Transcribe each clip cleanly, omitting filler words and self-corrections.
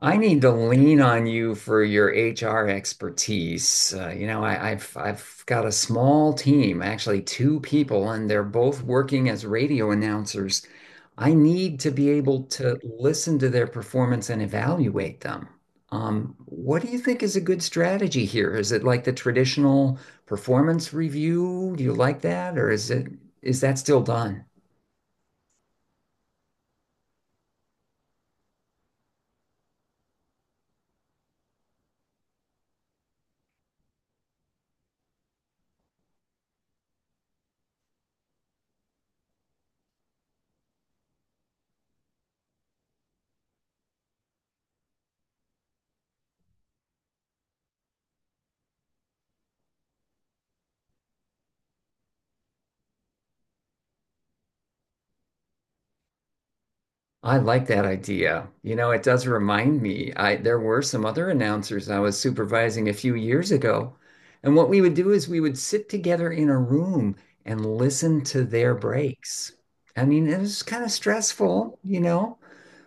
I need to lean on you for your HR expertise. I've got a small team, actually two people, and they're both working as radio announcers. I need to be able to listen to their performance and evaluate them. What do you think is a good strategy here? Is it like the traditional performance review? Do you like that, or is that still done? I like that idea. You know, it does remind me. I There were some other announcers I was supervising a few years ago, and what we would do is we would sit together in a room and listen to their breaks. I mean, it was kind of stressful, you know,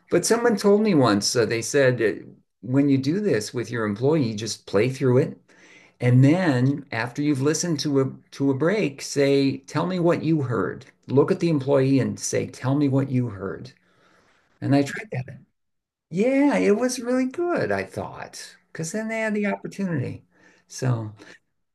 but someone told me once, they said when you do this with your employee, just play through it, and then after you've listened to a break, say, "Tell me what you heard." Look at the employee and say, "Tell me what you heard." And I tried that. Yeah, it was really good, I thought, because then they had the opportunity. So,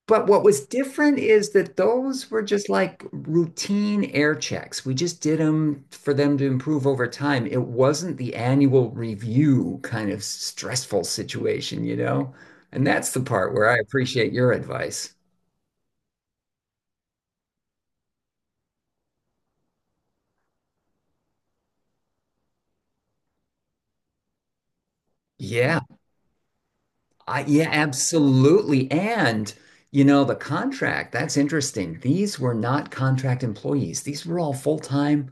but what was different is that those were just like routine air checks. We just did them for them to improve over time. It wasn't the annual review kind of stressful situation, you know? And that's the part where I appreciate your advice. Yeah. I, yeah, absolutely. And, you know, the contract, that's interesting. These were not contract employees. These were all full-time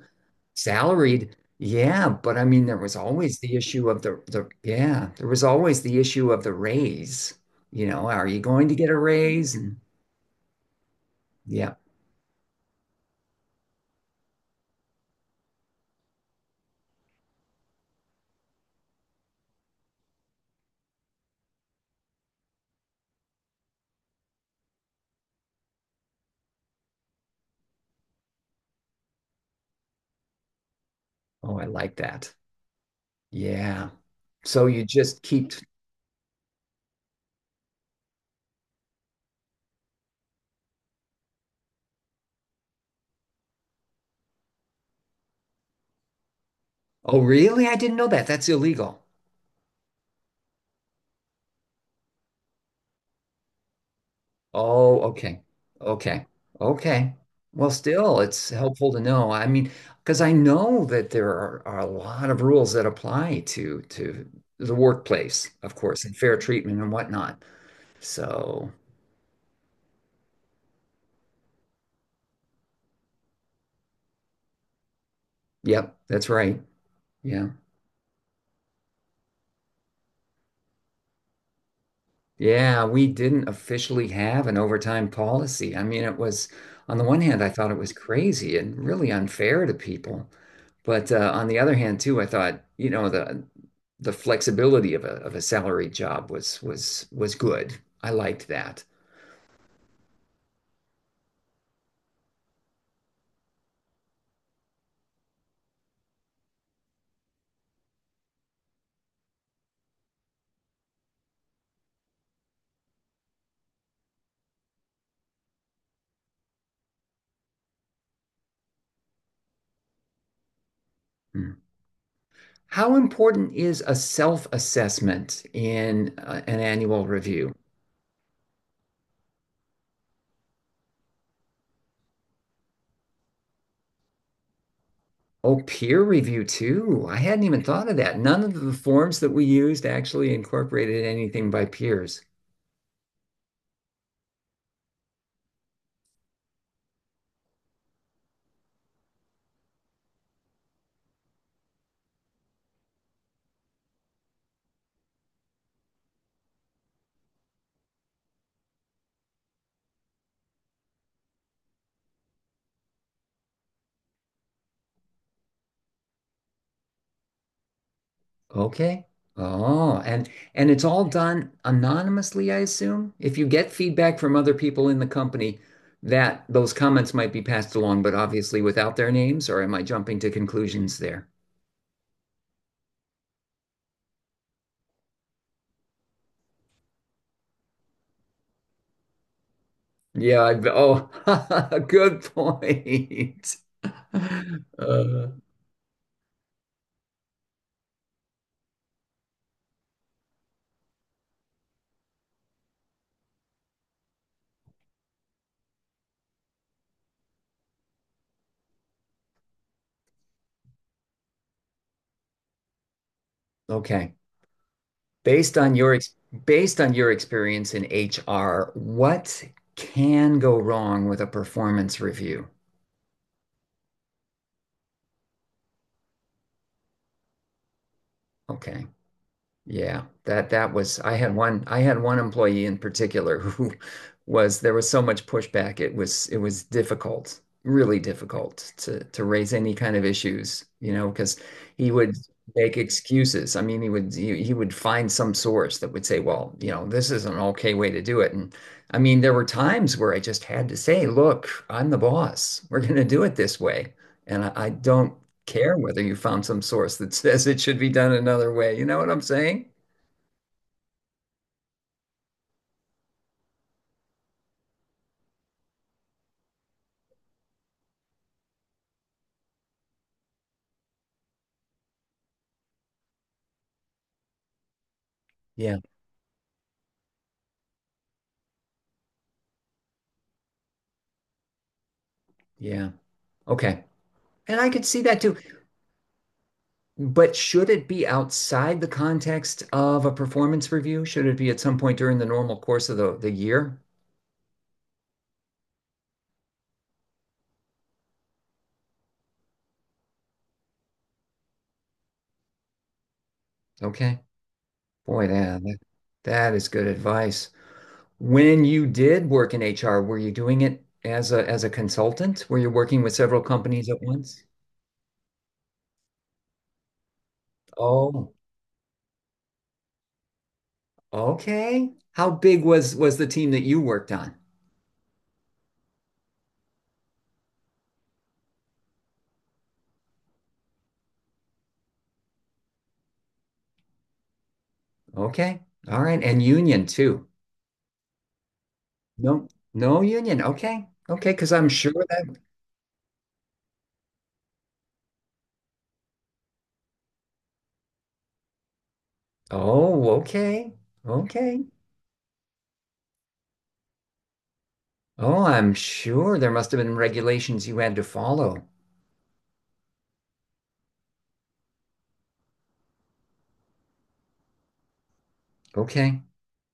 salaried. Yeah, but I mean, there was always the issue of the yeah, there was always the issue of the raise. You know, are you going to get a raise? And yeah. Oh, I like that. Yeah. So you just keep, oh, really? I didn't know that. That's illegal. Oh, okay. Okay. Okay. Well, still, it's helpful to know. I mean, because I know that are a lot of rules that apply to the workplace, of course, and fair treatment and whatnot. So, yep, that's right. Yeah. Yeah, we didn't officially have an overtime policy. I mean, it was, on the one hand, I thought it was crazy and really unfair to people. But on the other hand, too, I thought, you know, the flexibility of a salary job was good. I liked that. Hmm. How important is a self-assessment in an annual review? Oh, peer review too. I hadn't even thought of that. None of the forms that we used actually incorporated anything by peers. Okay. Oh, and it's all done anonymously, I assume. If you get feedback from other people in the company, that those comments might be passed along, but obviously without their names, or am I jumping to conclusions there? Oh, good point. Uh, okay. Based on your ex Based on your experience in HR, what can go wrong with a performance review? Okay. Yeah, that that was I had one employee in particular who was there was so much pushback; it was difficult, really difficult to raise any kind of issues, you know, because he would make excuses. I mean, he would find some source that would say, well, you know, this is an okay way to do it. And I mean, there were times where I just had to say, look, I'm the boss. We're going to do it this way. And I don't care whether you found some source that says it should be done another way. You know what I'm saying? Yeah. Yeah. Okay. And I could see that too. But should it be outside the context of a performance review? Should it be at some point during the normal course of the year? Okay. Boy, that is good advice. When you did work in HR, were you doing it as a consultant? Were you working with several companies at once? Oh, okay. How big was the team that you worked on? Okay. All right. And union too. No, no union. Okay. Okay. Because I'm sure that. Oh, okay. Okay. Oh, I'm sure there must have been regulations you had to follow. Okay.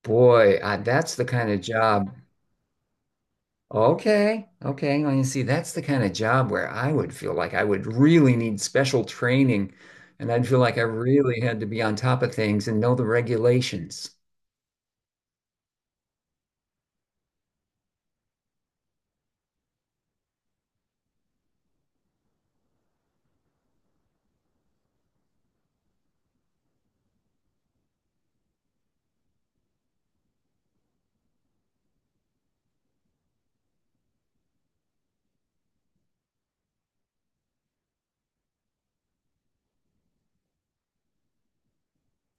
Boy, that's the kind of job. Okay. Okay. Well, you see, that's the kind of job where I would feel like I would really need special training and I'd feel like I really had to be on top of things and know the regulations.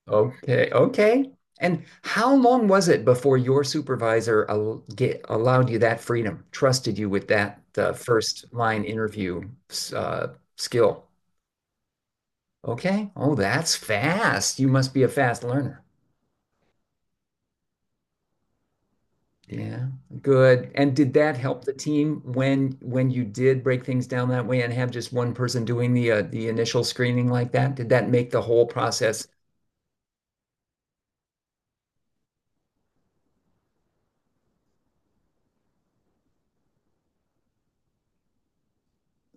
Okay, okay. And how long was it before your supervisor allowed you that freedom, trusted you with that first line interview skill? Okay. Oh, that's fast. You must be a fast learner. Yeah, good. And did that help the team when you did break things down that way and have just one person doing the initial screening like that? Did that make the whole process?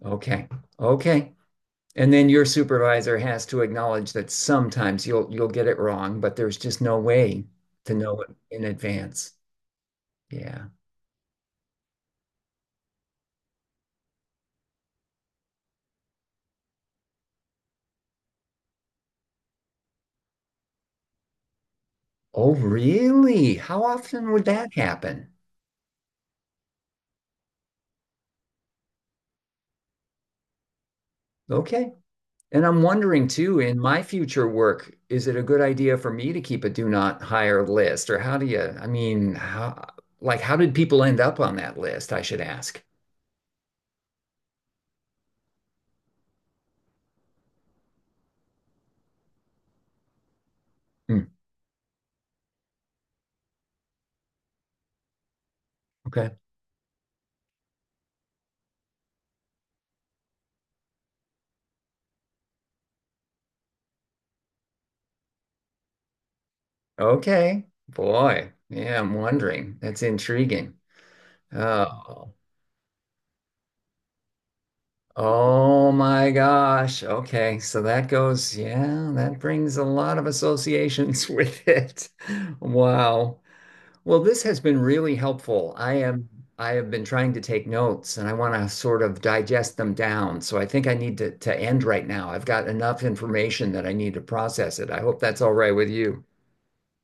Okay. Okay. And then your supervisor has to acknowledge that sometimes you'll get it wrong, but there's just no way to know it in advance. Yeah. Oh, really? How often would that happen? Okay. And I'm wondering too, in my future work, is it a good idea for me to keep a do not hire list? Or how do you, I mean, how, like, how did people end up on that list? I should ask. Hmm, okay. Okay. Boy. Yeah, I'm wondering. That's intriguing. Oh. Oh my gosh. Okay. So that goes, yeah, that brings a lot of associations with it. Wow. Well, this has been really helpful. I have been trying to take notes and I want to sort of digest them down. So I think I need to end right now. I've got enough information that I need to process it. I hope that's all right with you.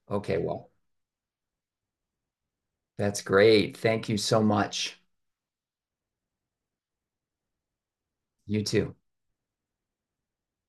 Okay, well, that's great. Thank you so much. You too.